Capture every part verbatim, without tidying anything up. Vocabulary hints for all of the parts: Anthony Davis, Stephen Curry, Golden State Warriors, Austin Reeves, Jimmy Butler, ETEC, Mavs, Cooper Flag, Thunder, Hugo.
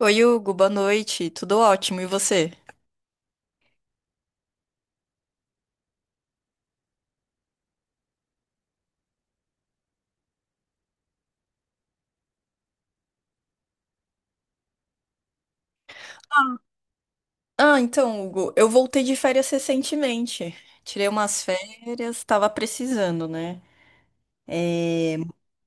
Oi, Hugo, boa noite. Tudo ótimo, e você? Ah, então, Hugo, eu voltei de férias recentemente. Tirei umas férias, tava precisando, né?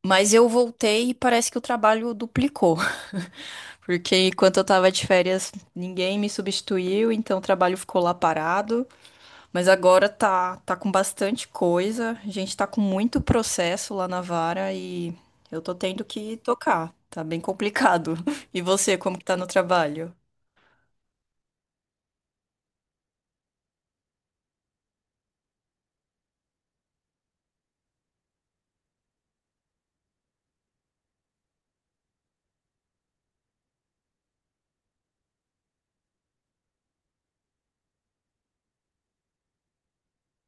Mas eu voltei e parece que o trabalho duplicou. Porque enquanto eu tava de férias, ninguém me substituiu, então o trabalho ficou lá parado. Mas agora tá, tá com bastante coisa. A gente tá com muito processo lá na vara e eu tô tendo que tocar. Tá bem complicado. E você, como que tá no trabalho?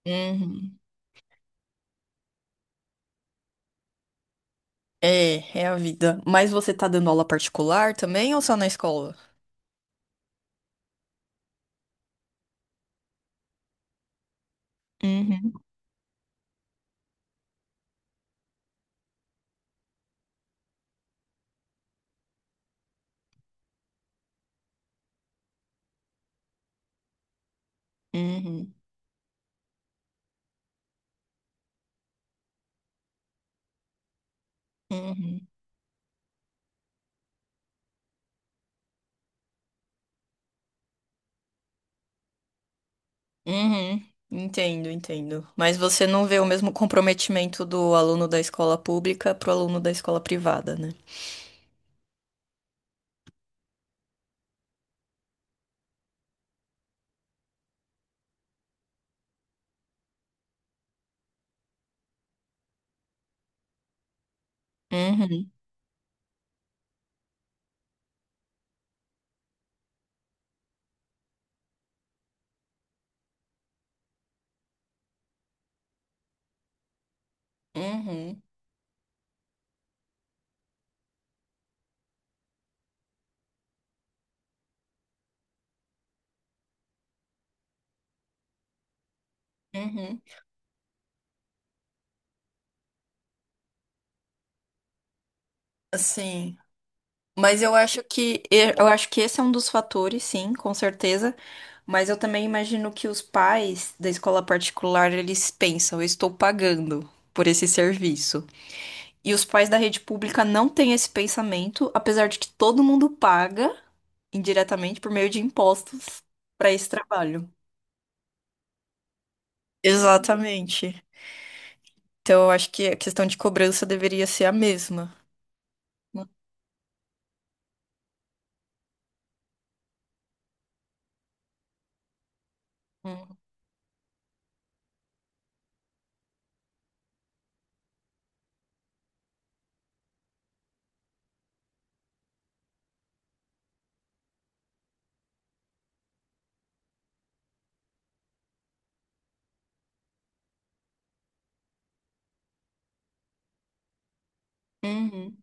Uhum. É, é a vida. Mas você tá dando aula particular também ou só na escola? Uhum, uhum, uhum, uhum. Entendo, entendo. Mas você não vê o mesmo comprometimento do aluno da escola pública pro aluno da escola privada, né? Uhum, uhum, uhum. Assim, mas eu acho que eu acho que esse é um dos fatores, sim, com certeza. Mas eu também imagino que os pais da escola particular, eles pensam, eu estou pagando por esse serviço. E os pais da rede pública não têm esse pensamento, apesar de que todo mundo paga indiretamente por meio de impostos para esse trabalho. Exatamente. Então, eu acho que a questão de cobrança deveria ser a mesma. Uhum. Uhum.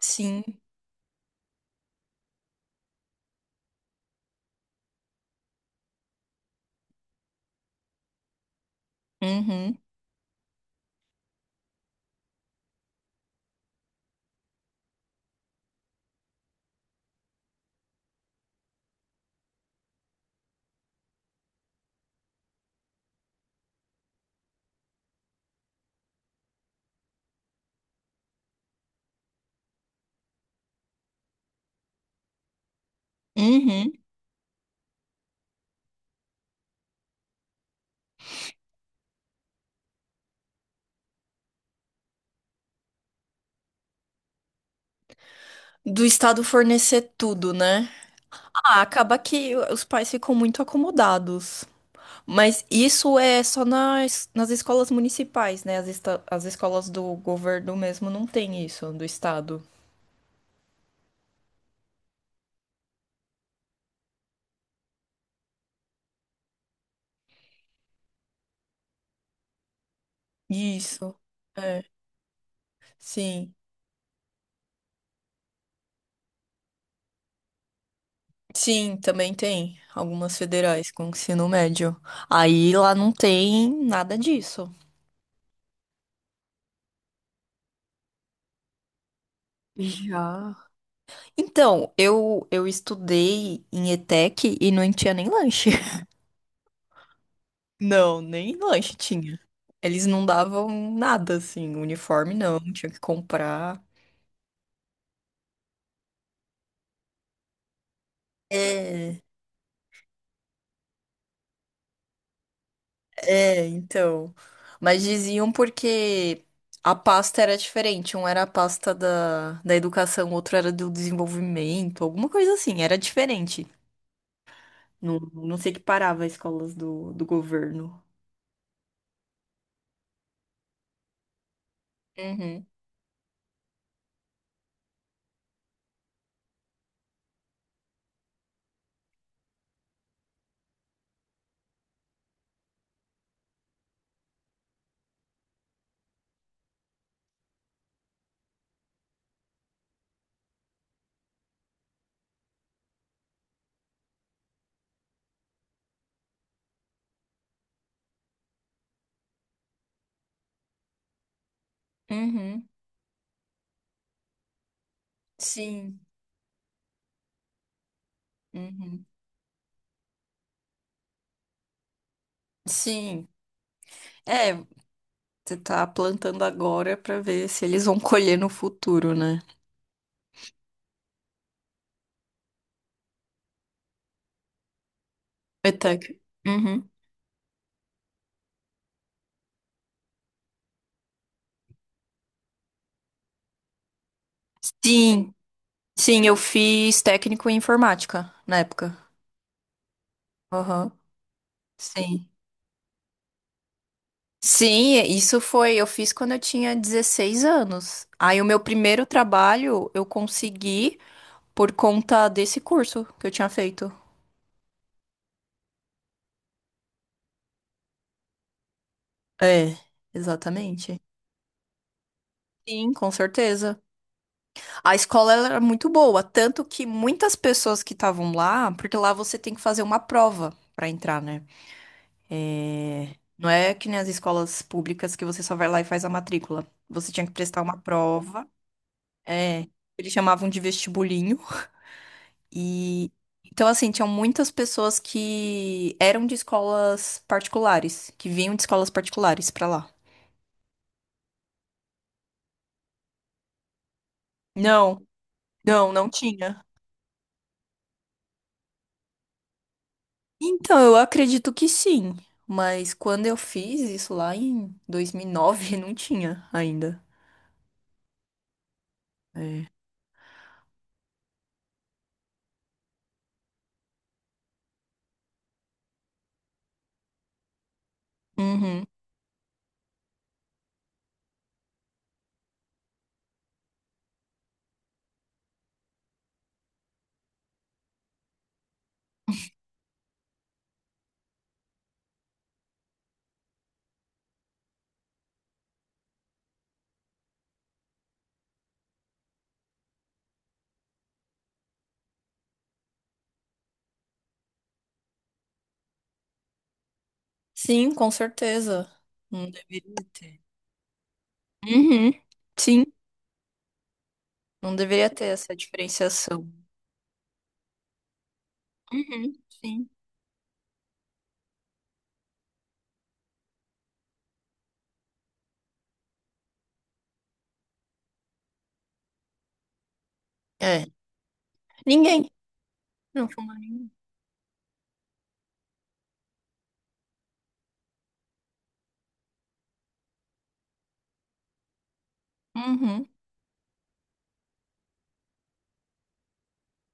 Sim. Uhum. Uhum. Do Estado fornecer tudo, né? Ah, acaba que os pais ficam muito acomodados. Mas isso é só nas, nas escolas municipais, né? As, esta- as escolas do governo mesmo não tem isso, do estado. Isso. É, sim. Sim, também tem algumas federais com ensino médio. Aí lá não tem nada disso. Já. Então, eu, eu estudei em ETEC e não tinha nem lanche. Não, nem lanche tinha. Eles não davam nada, assim, uniforme não, tinha que comprar. É. É, então. Mas diziam porque a pasta era diferente. Um era a pasta da, da educação, o outro era do desenvolvimento, alguma coisa assim. Era diferente. Não, não sei que parava as escolas do, do governo. Uhum, uhum, sim, uhum, sim. É, você tá plantando agora pra ver se eles vão colher no futuro, né? É tec... Uhum. Sim, sim, eu fiz técnico em informática na época. Aham. Sim. Sim, isso foi, eu fiz quando eu tinha dezesseis anos. Aí o meu primeiro trabalho eu consegui por conta desse curso que eu tinha feito. É, exatamente. Sim, com certeza. A escola ela era muito boa, tanto que muitas pessoas que estavam lá, porque lá você tem que fazer uma prova pra entrar, né? É, não é que nem as escolas públicas que você só vai lá e faz a matrícula. Você tinha que prestar uma prova. É, eles chamavam de vestibulinho. E então, assim, tinham muitas pessoas que eram de escolas particulares, que vinham de escolas particulares pra lá. Não, não, não tinha. Então, eu acredito que sim, mas quando eu fiz isso lá em dois mil e nove não tinha ainda. É. Uhum. Sim, com certeza. Não deveria ter. Uhum. Sim, não deveria ter essa diferenciação. Uhum. Sim. É. Ninguém. Não fuma ninguém. Uhum.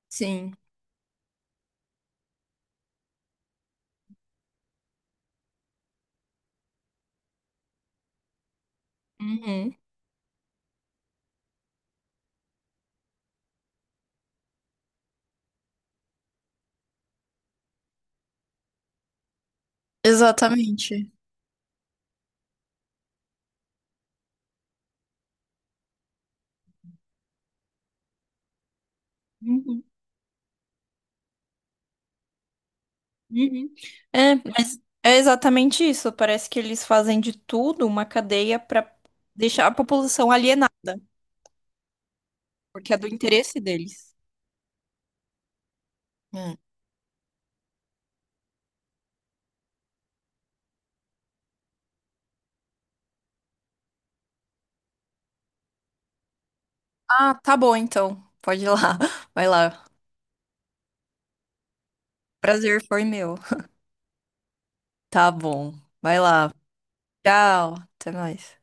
Sim. Uhum. Exatamente. Uhum, uhum. É, mas é exatamente isso. Parece que eles fazem de tudo uma cadeia para deixar a população alienada, porque é do interesse deles. Hum. Ah, tá bom então. Pode ir lá. Vai lá. Prazer foi meu. Tá bom. Vai lá. Tchau. Até mais.